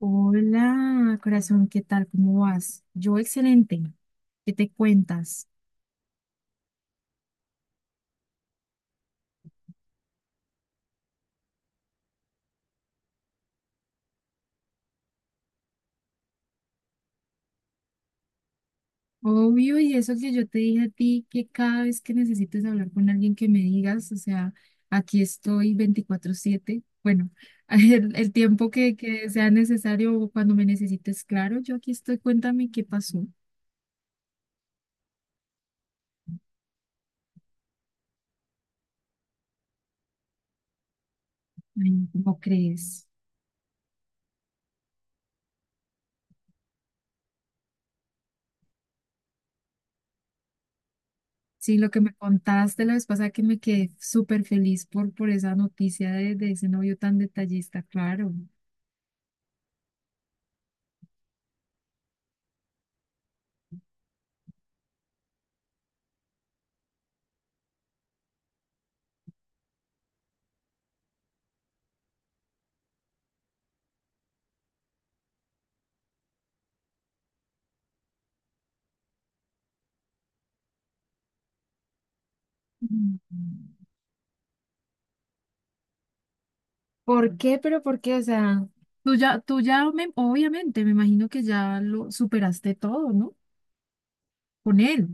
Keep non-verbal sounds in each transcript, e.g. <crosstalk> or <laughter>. Hola, corazón, ¿qué tal? ¿Cómo vas? Yo excelente. ¿Qué te cuentas? Obvio, y eso que yo te dije a ti, que cada vez que necesites hablar con alguien que me digas, o sea, aquí estoy 24/7. Bueno, <laughs> el tiempo que sea necesario o cuando me necesites, claro, yo aquí estoy. Cuéntame qué pasó. Ay, no, ¿cómo crees? Sí, lo que me contaste la vez pasada que me quedé súper feliz por esa noticia de ese novio tan detallista, claro. ¿Por qué? Pero ¿por qué? O sea, obviamente, me imagino que ya lo superaste todo, ¿no? Con él.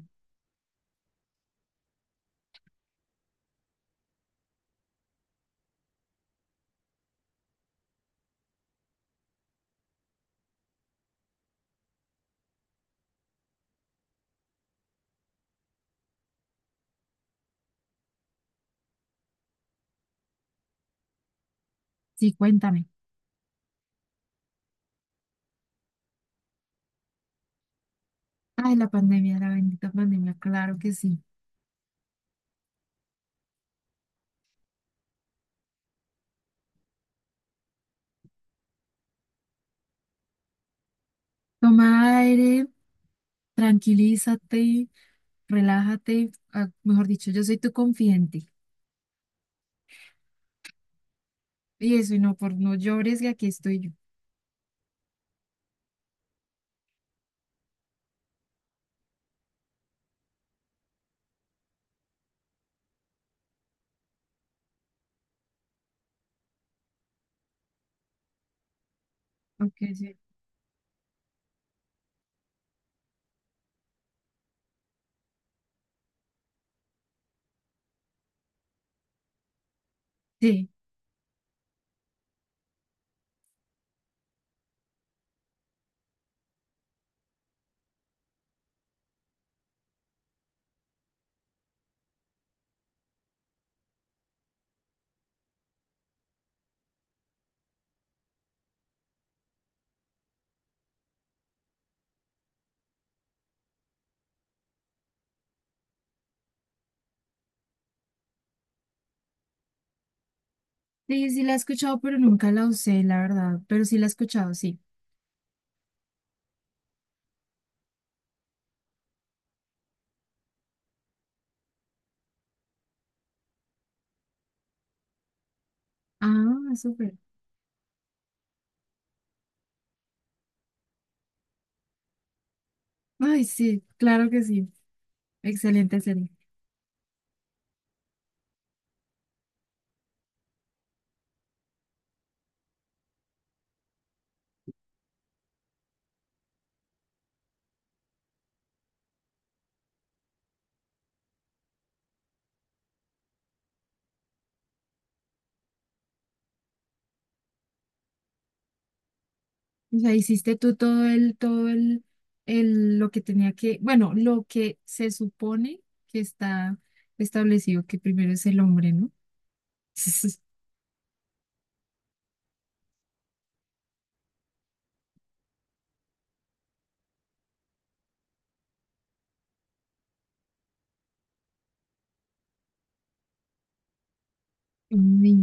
Sí, cuéntame. Ay, la pandemia, la bendita pandemia, claro que sí. Toma aire. Tranquilízate, relájate, mejor dicho, yo soy tu confidente. Y eso, y no, por no llores, que aquí estoy yo. Ok, sí. Sí, sí, sí la he escuchado, pero nunca la usé, la verdad, pero sí la he escuchado, sí. Ah, súper. Ay, sí, claro que sí. Excelente serie. O sea, hiciste tú todo el lo que tenía que, bueno, lo que se supone que está establecido, que primero es el hombre, ¿no? <laughs> Uy,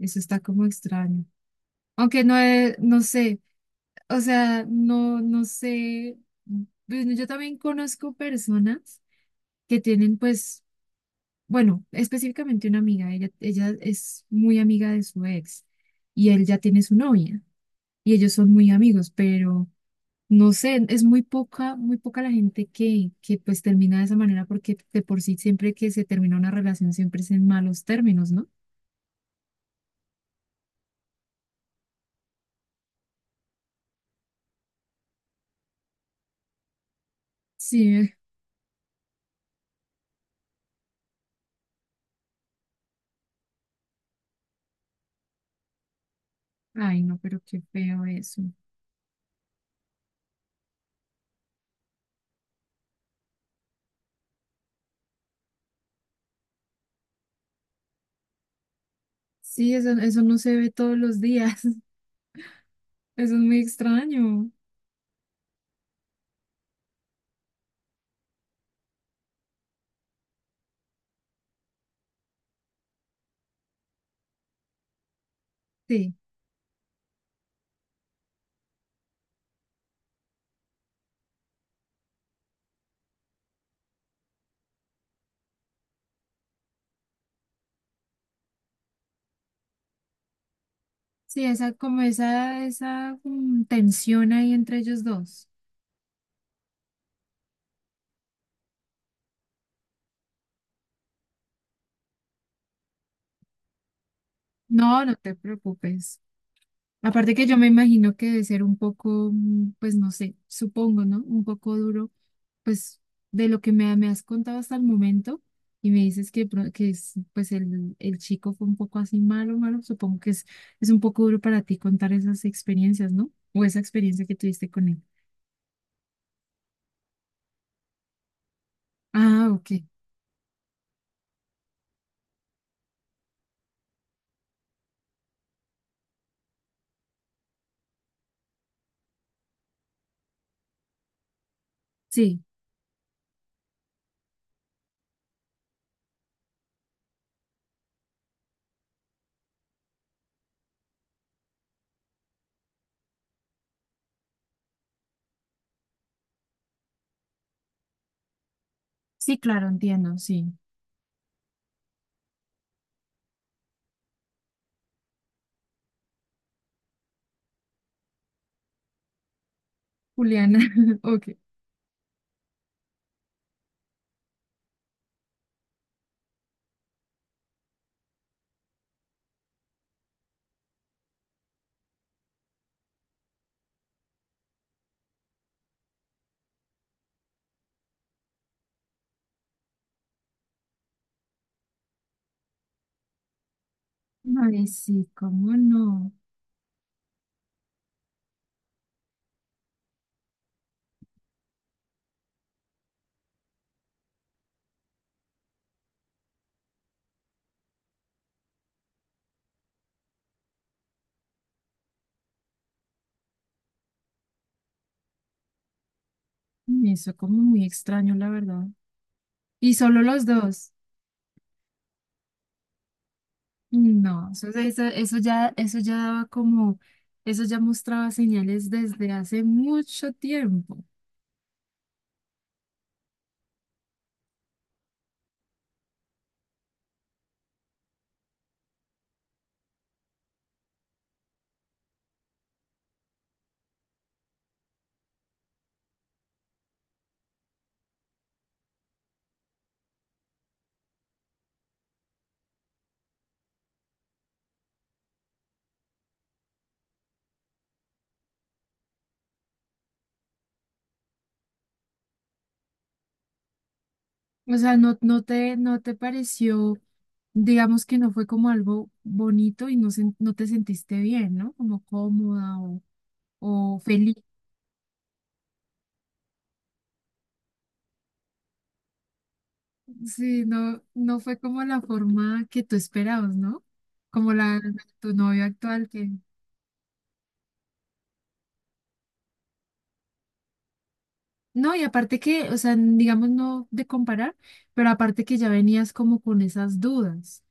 eso está como extraño. Aunque no, he- no sé, o sea, no, no sé. Bueno, yo también conozco personas que tienen, pues, bueno, específicamente una amiga, ella es muy amiga de su ex y él ya tiene su novia y ellos son muy amigos, pero no sé, es muy poca la gente que pues termina de esa manera porque de por sí siempre que se termina una relación siempre es en malos términos, ¿no? Sí, ay, no, pero qué feo eso. Sí, eso no se ve todos los días. <laughs> Eso es muy extraño. Sí, sí, esa, como esa, tensión ahí entre ellos dos. No, no te preocupes. Aparte que yo me imagino que debe ser un poco, pues no sé, supongo, ¿no? Un poco duro, pues de lo que me has contado hasta el momento. Y me dices que, pro- que es, pues el chico fue un poco así malo, malo. Supongo que es un poco duro para ti contar esas experiencias, ¿no? O esa experiencia que tuviste con él. Ah, ok. Sí, sí, claro, entiendo, sí. Juliana, <laughs> ok. Ay, sí, cómo no. Mm, eso como muy extraño, la verdad. Y solo los dos. No, eso ya daba como, eso ya mostraba señales desde hace mucho tiempo. O sea, no, no te pareció, digamos que no fue como algo bonito y no, sen- no te sentiste bien, ¿no? Como cómoda o feliz. Sí, no, no fue como la forma que tú esperabas, ¿no? Como la de tu novio actual que... No, y aparte que, o sea, n- digamos no de comparar, pero aparte que ya venías como con esas dudas,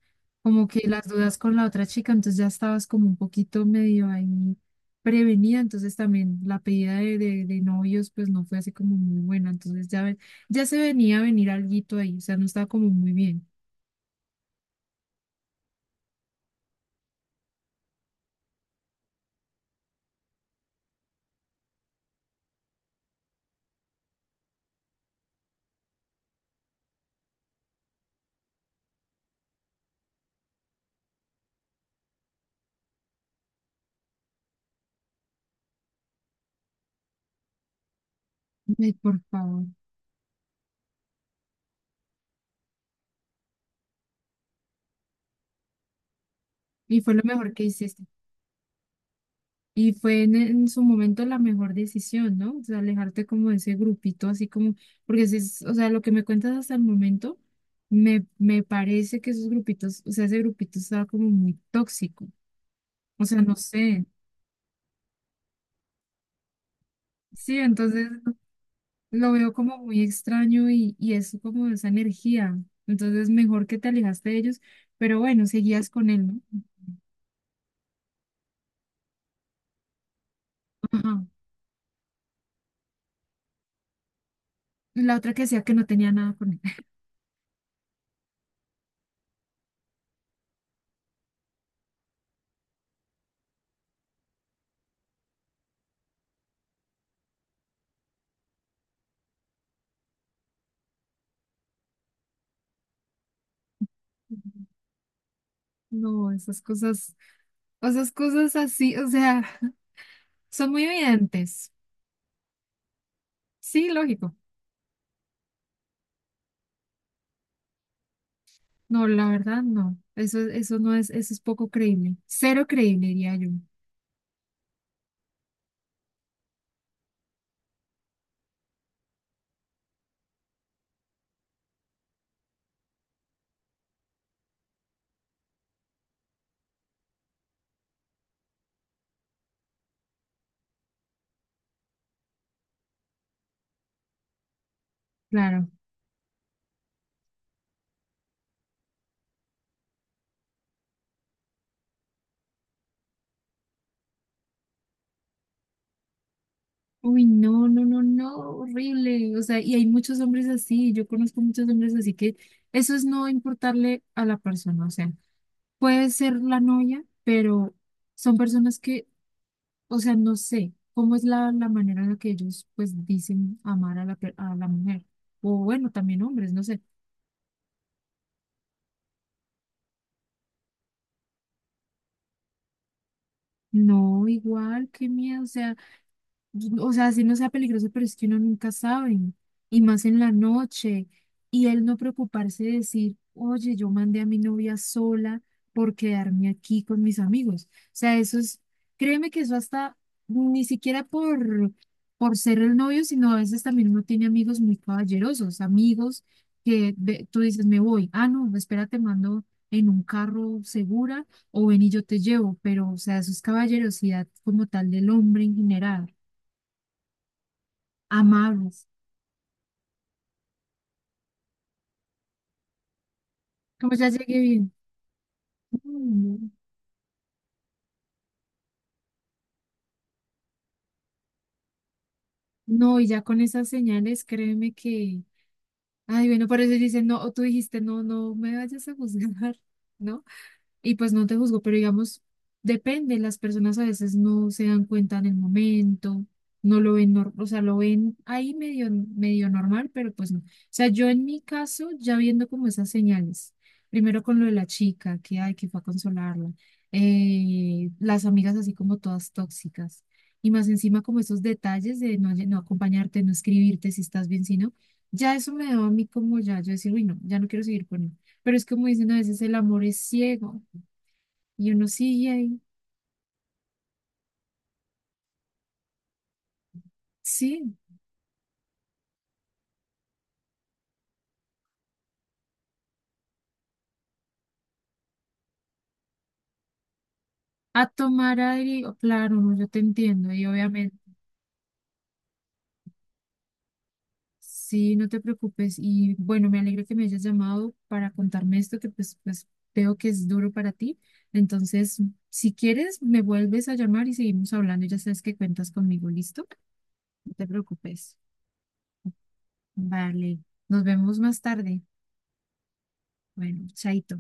como que las dudas con la otra chica, entonces ya estabas como un poquito medio ahí prevenida, entonces también la pedida de novios pues no fue así como muy buena, entonces ya, ve- ya se venía a venir alguito ahí, o sea, no estaba como muy bien. Ay, por favor. Y fue lo mejor que hiciste. Y fue en su momento la mejor decisión, ¿no? O sea, alejarte como de ese grupito, así como, porque si es, o sea, lo que me cuentas hasta el momento, me parece que esos grupitos, o sea, ese grupito estaba como muy tóxico. O sea, no sé. Sí, entonces lo veo como muy extraño y es como esa energía. Entonces, mejor que te alejaste de ellos, pero bueno, seguías con él, ¿no? Ajá. Y la otra que decía que no tenía nada con él. <laughs> No, esas cosas así, o sea. Son muy evidentes. Sí, lógico. No, la verdad no. Eso no es, eso es poco creíble. Cero creíble, diría yo. Claro. Uy, no, no, no, no, horrible. O sea, y hay muchos hombres así. Yo conozco muchos hombres así que eso es no importarle a la persona. O sea, puede ser la novia, pero son personas que, o sea, no sé cómo es la manera en la que ellos pues dicen amar a la, per- a la mujer. O bueno, también hombres, no sé. No, igual, qué miedo, o sea, o sea, si no sea peligroso, pero es que uno nunca sabe, y más en la noche, y él no preocuparse de decir, oye, yo mandé a mi novia sola por quedarme aquí con mis amigos. O sea, eso es, créeme que eso hasta ni siquiera por ser el novio, sino a veces también uno tiene amigos muy caballerosos, amigos que ve- tú dices, me voy, ah, no, espera, te mando en un carro segura o ven y yo te llevo, pero o sea, eso es caballerosidad como tal del hombre en general. Amables. Como ya llegué bien. Mm, no, no, y ya con esas señales, créeme que. Ay, bueno, por eso dicen, no, o tú dijiste, no, no me vayas a juzgar, <laughs> ¿no? Y pues no te juzgo, pero digamos, depende, las personas a veces no se dan cuenta en el momento, no lo ven, nor- o sea, lo ven ahí medio, medio normal, pero pues no. O sea, yo en mi caso, ya viendo como esas señales, primero con lo de la chica, que ay, que fue a consolarla, las amigas así como todas tóxicas, y más encima como esos detalles de no, lle- no acompañarte, no escribirte si estás bien, si no, ya eso me da a mí como ya, yo decir, uy, no, ya no quiero seguir con él. Pero es como dicen a veces, el amor es ciego. Y uno sigue ahí, sí, a tomar aire, o- claro, no, yo te entiendo y obviamente, sí, no te preocupes y bueno, me alegra que me hayas llamado para contarme esto que pues, pues veo que es duro para ti, entonces, si quieres, me vuelves a llamar y seguimos hablando, ya sabes que cuentas conmigo, ¿listo? No te preocupes. Vale, nos vemos más tarde. Bueno, chaito.